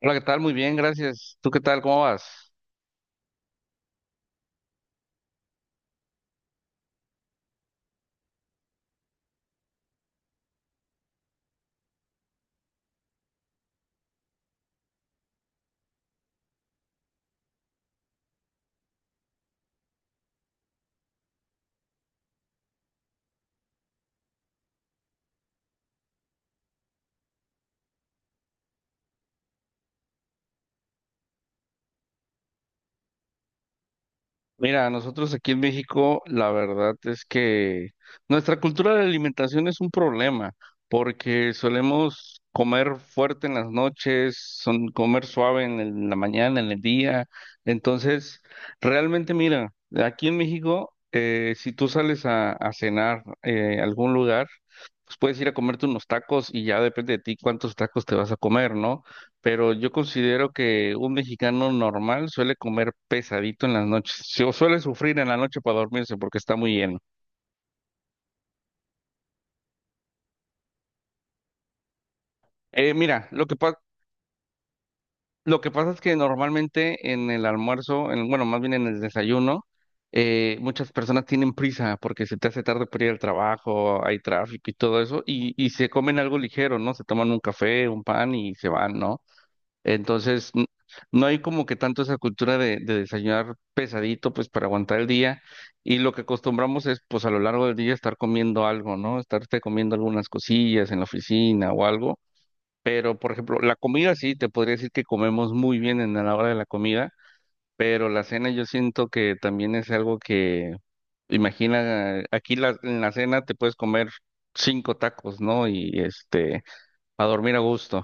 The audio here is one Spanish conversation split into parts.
Hola, ¿qué tal? Muy bien, gracias. ¿Tú qué tal? ¿Cómo vas? Mira, nosotros aquí en México, la verdad es que nuestra cultura de alimentación es un problema, porque solemos comer fuerte en las noches, son comer suave en la mañana, en el día. Entonces, realmente, mira, aquí en México, si tú sales a cenar a algún lugar, pues puedes ir a comerte unos tacos y ya depende de ti cuántos tacos te vas a comer, ¿no? Pero yo considero que un mexicano normal suele comer pesadito en las noches, sí, suele sufrir en la noche para dormirse porque está muy lleno. Mira, lo que pasa es que normalmente en el almuerzo, bueno, más bien en el desayuno, muchas personas tienen prisa porque se te hace tarde para ir al trabajo, hay tráfico y todo eso, y se comen algo ligero, ¿no? Se toman un café, un pan y se van, ¿no? Entonces, no hay como que tanto esa cultura de desayunar pesadito, pues para aguantar el día. Y lo que acostumbramos es, pues a lo largo del día estar comiendo algo, ¿no? Estarte comiendo algunas cosillas en la oficina o algo. Pero, por ejemplo, la comida sí, te podría decir que comemos muy bien en la hora de la comida, pero la cena yo siento que también es algo que, imagina, aquí en la cena te puedes comer cinco tacos, ¿no? A dormir a gusto.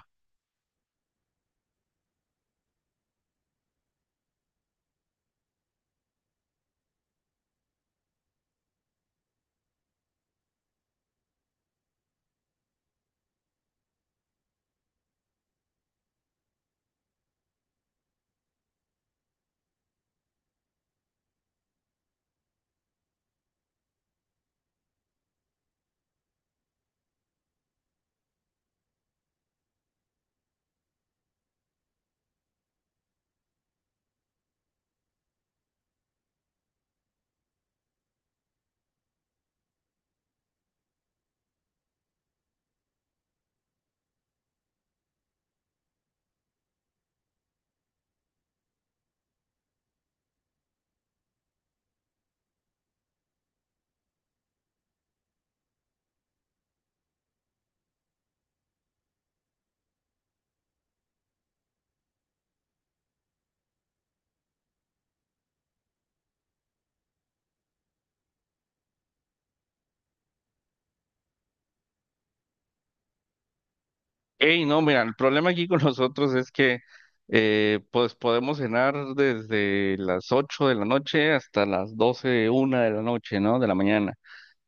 Hey, no, mira, el problema aquí con nosotros es que pues podemos cenar desde las 8 de la noche hasta las doce una de la noche, ¿no? De la mañana.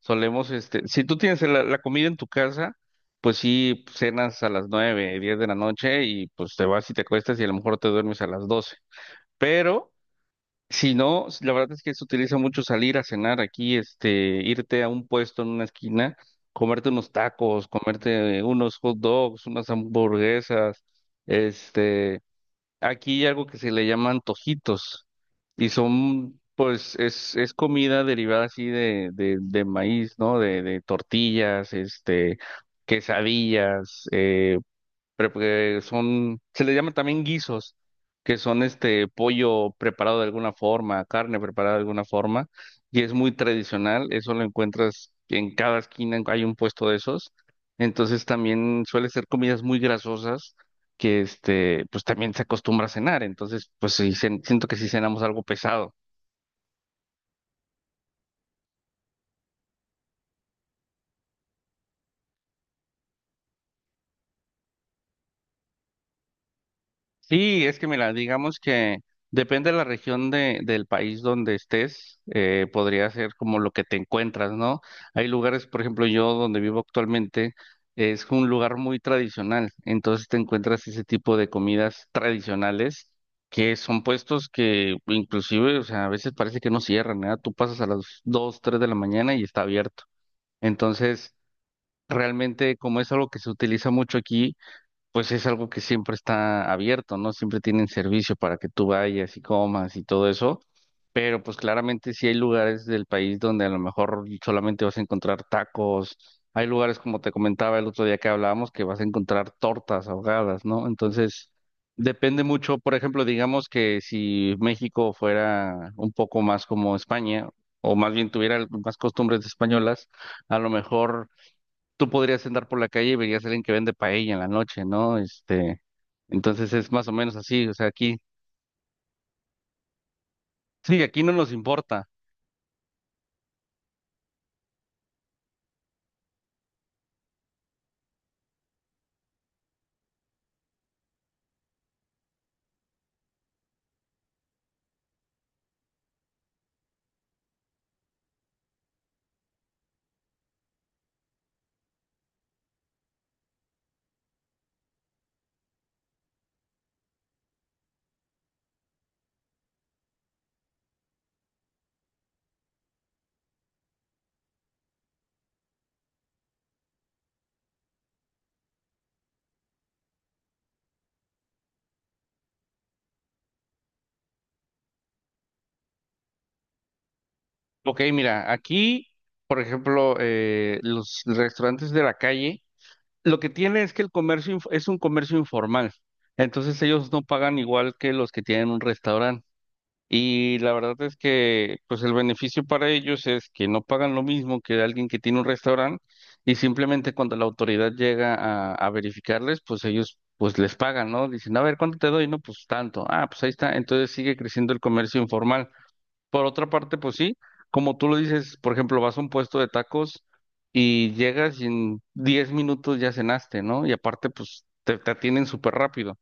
Solemos, si tú tienes la comida en tu casa, pues sí, cenas a las 9 10 de la noche y pues te vas y te acuestas y a lo mejor te duermes a las 12. Pero si no, la verdad es que se utiliza mucho salir a cenar aquí, irte a un puesto en una esquina, comerte unos tacos, comerte unos hot dogs, unas hamburguesas, este, aquí hay algo que se le llama antojitos, y son, pues, es comida derivada así de maíz, ¿no? De tortillas, quesadillas, que son, se le llaman también guisos, que son este pollo preparado de alguna forma, carne preparada de alguna forma, y es muy tradicional, eso lo encuentras en cada esquina, hay un puesto de esos, entonces también suele ser comidas muy grasosas que pues también se acostumbra a cenar, entonces pues sí, siento que sí cenamos algo pesado. Sí, es que mira, digamos que depende de la región del país donde estés, podría ser como lo que te encuentras, ¿no? Hay lugares, por ejemplo, yo donde vivo actualmente, es un lugar muy tradicional, entonces te encuentras ese tipo de comidas tradicionales que son puestos que inclusive, o sea, a veces parece que no cierran, ¿verdad? Tú pasas a las 2, 3 de la mañana y está abierto. Entonces, realmente como es algo que se utiliza mucho aquí, pues es algo que siempre está abierto, ¿no? Siempre tienen servicio para que tú vayas y comas y todo eso, pero pues claramente sí hay lugares del país donde a lo mejor solamente vas a encontrar tacos, hay lugares como te comentaba el otro día que hablábamos que vas a encontrar tortas ahogadas, ¿no? Entonces, depende mucho, por ejemplo, digamos que si México fuera un poco más como España, o más bien tuviera más costumbres españolas, a lo mejor tú podrías andar por la calle y verías a alguien que vende paella en la noche, ¿no? Entonces es más o menos así, o sea, aquí, sí, aquí no nos importa. Ok, mira, aquí, por ejemplo, los restaurantes de la calle, lo que tiene es que el comercio es un comercio informal, entonces ellos no pagan igual que los que tienen un restaurante. Y la verdad es que pues el beneficio para ellos es que no pagan lo mismo que alguien que tiene un restaurante y simplemente cuando la autoridad llega a verificarles, pues ellos pues les pagan, ¿no? Dicen, a ver, ¿cuánto te doy? No, pues tanto. Ah, pues ahí está. Entonces sigue creciendo el comercio informal. Por otra parte, pues sí, como tú lo dices, por ejemplo, vas a un puesto de tacos y llegas y en 10 minutos ya cenaste, ¿no? Y aparte, pues te atienden súper rápido.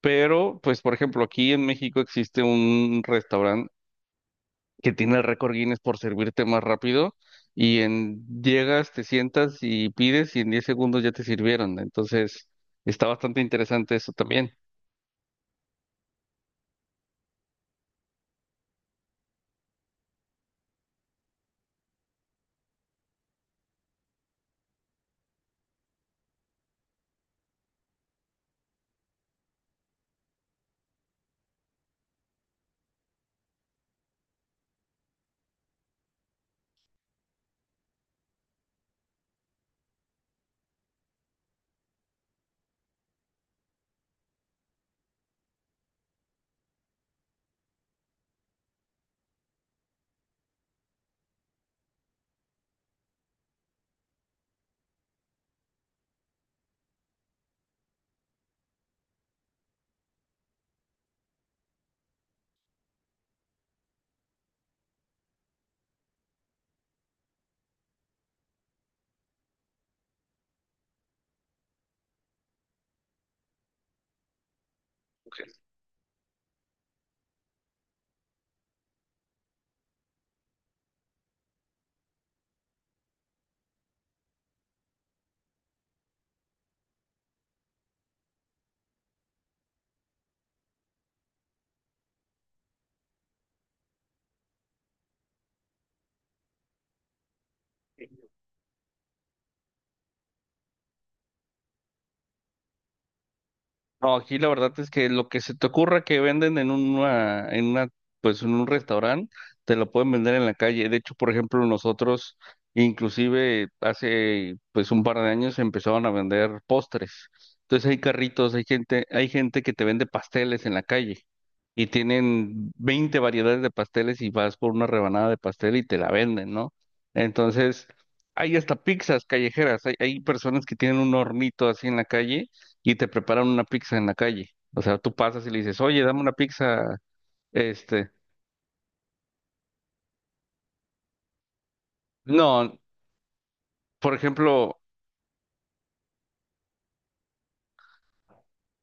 Pero, pues, por ejemplo, aquí en México existe un restaurante que tiene el récord Guinness por servirte más rápido y en llegas, te sientas y pides y en 10 segundos ya te sirvieron. Entonces, está bastante interesante eso también. No, aquí la verdad es que lo que se te ocurra que venden en una, pues en un restaurante, te lo pueden vender en la calle. De hecho, por ejemplo, nosotros, inclusive hace pues un par de años empezaron a vender postres. Entonces hay carritos, hay gente que te vende pasteles en la calle y tienen 20 variedades de pasteles y vas por una rebanada de pastel y te la venden, ¿no? Entonces, hay hasta pizzas callejeras, hay personas que tienen un hornito así en la calle y te preparan una pizza en la calle. O sea, tú pasas y le dices, oye, dame una pizza, este. No, por ejemplo,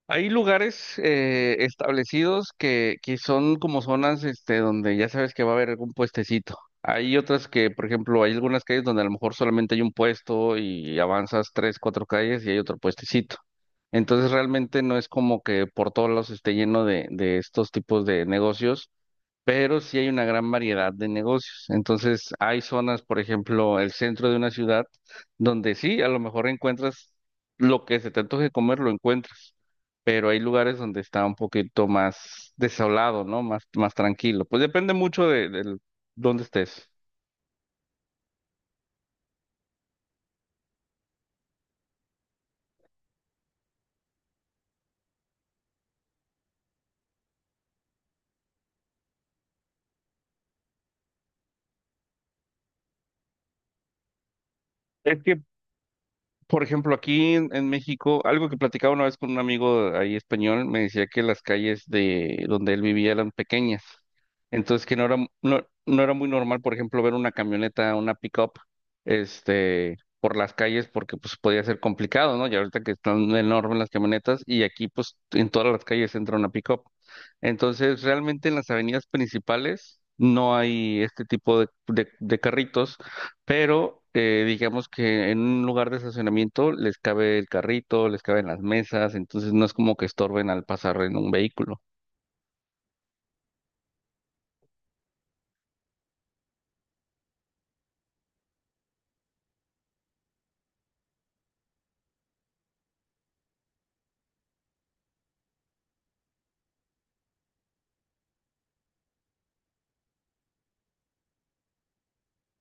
hay lugares establecidos que son como zonas, donde ya sabes que va a haber algún puestecito. Hay otras que, por ejemplo, hay algunas calles donde a lo mejor solamente hay un puesto y avanzas tres, cuatro calles y hay otro puestecito. Entonces realmente no es como que por todos lados esté lleno de estos tipos de negocios, pero sí hay una gran variedad de negocios. Entonces, hay zonas, por ejemplo, el centro de una ciudad, donde sí, a lo mejor encuentras lo que se te antoje comer, lo encuentras, pero hay lugares donde está un poquito más desolado, ¿no? Más, más tranquilo. Pues depende mucho de dónde estés. Es que. Por ejemplo, aquí en México, algo que platicaba una vez con un amigo ahí español, me decía que las calles de donde él vivía eran pequeñas. Entonces que no era muy normal, por ejemplo, ver una camioneta, una pick-up, por las calles, porque pues podía ser complicado, ¿no? Y ahorita que están enormes las camionetas, y aquí pues en todas las calles entra una pick-up. Entonces, realmente en las avenidas principales no hay este tipo de carritos, pero digamos que en un lugar de estacionamiento les cabe el carrito, les caben las mesas, entonces no es como que estorben al pasar en un vehículo.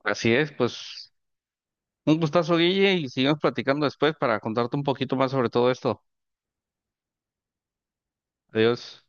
Así es, pues un gustazo, Guille, y sigamos platicando después para contarte un poquito más sobre todo esto. Adiós.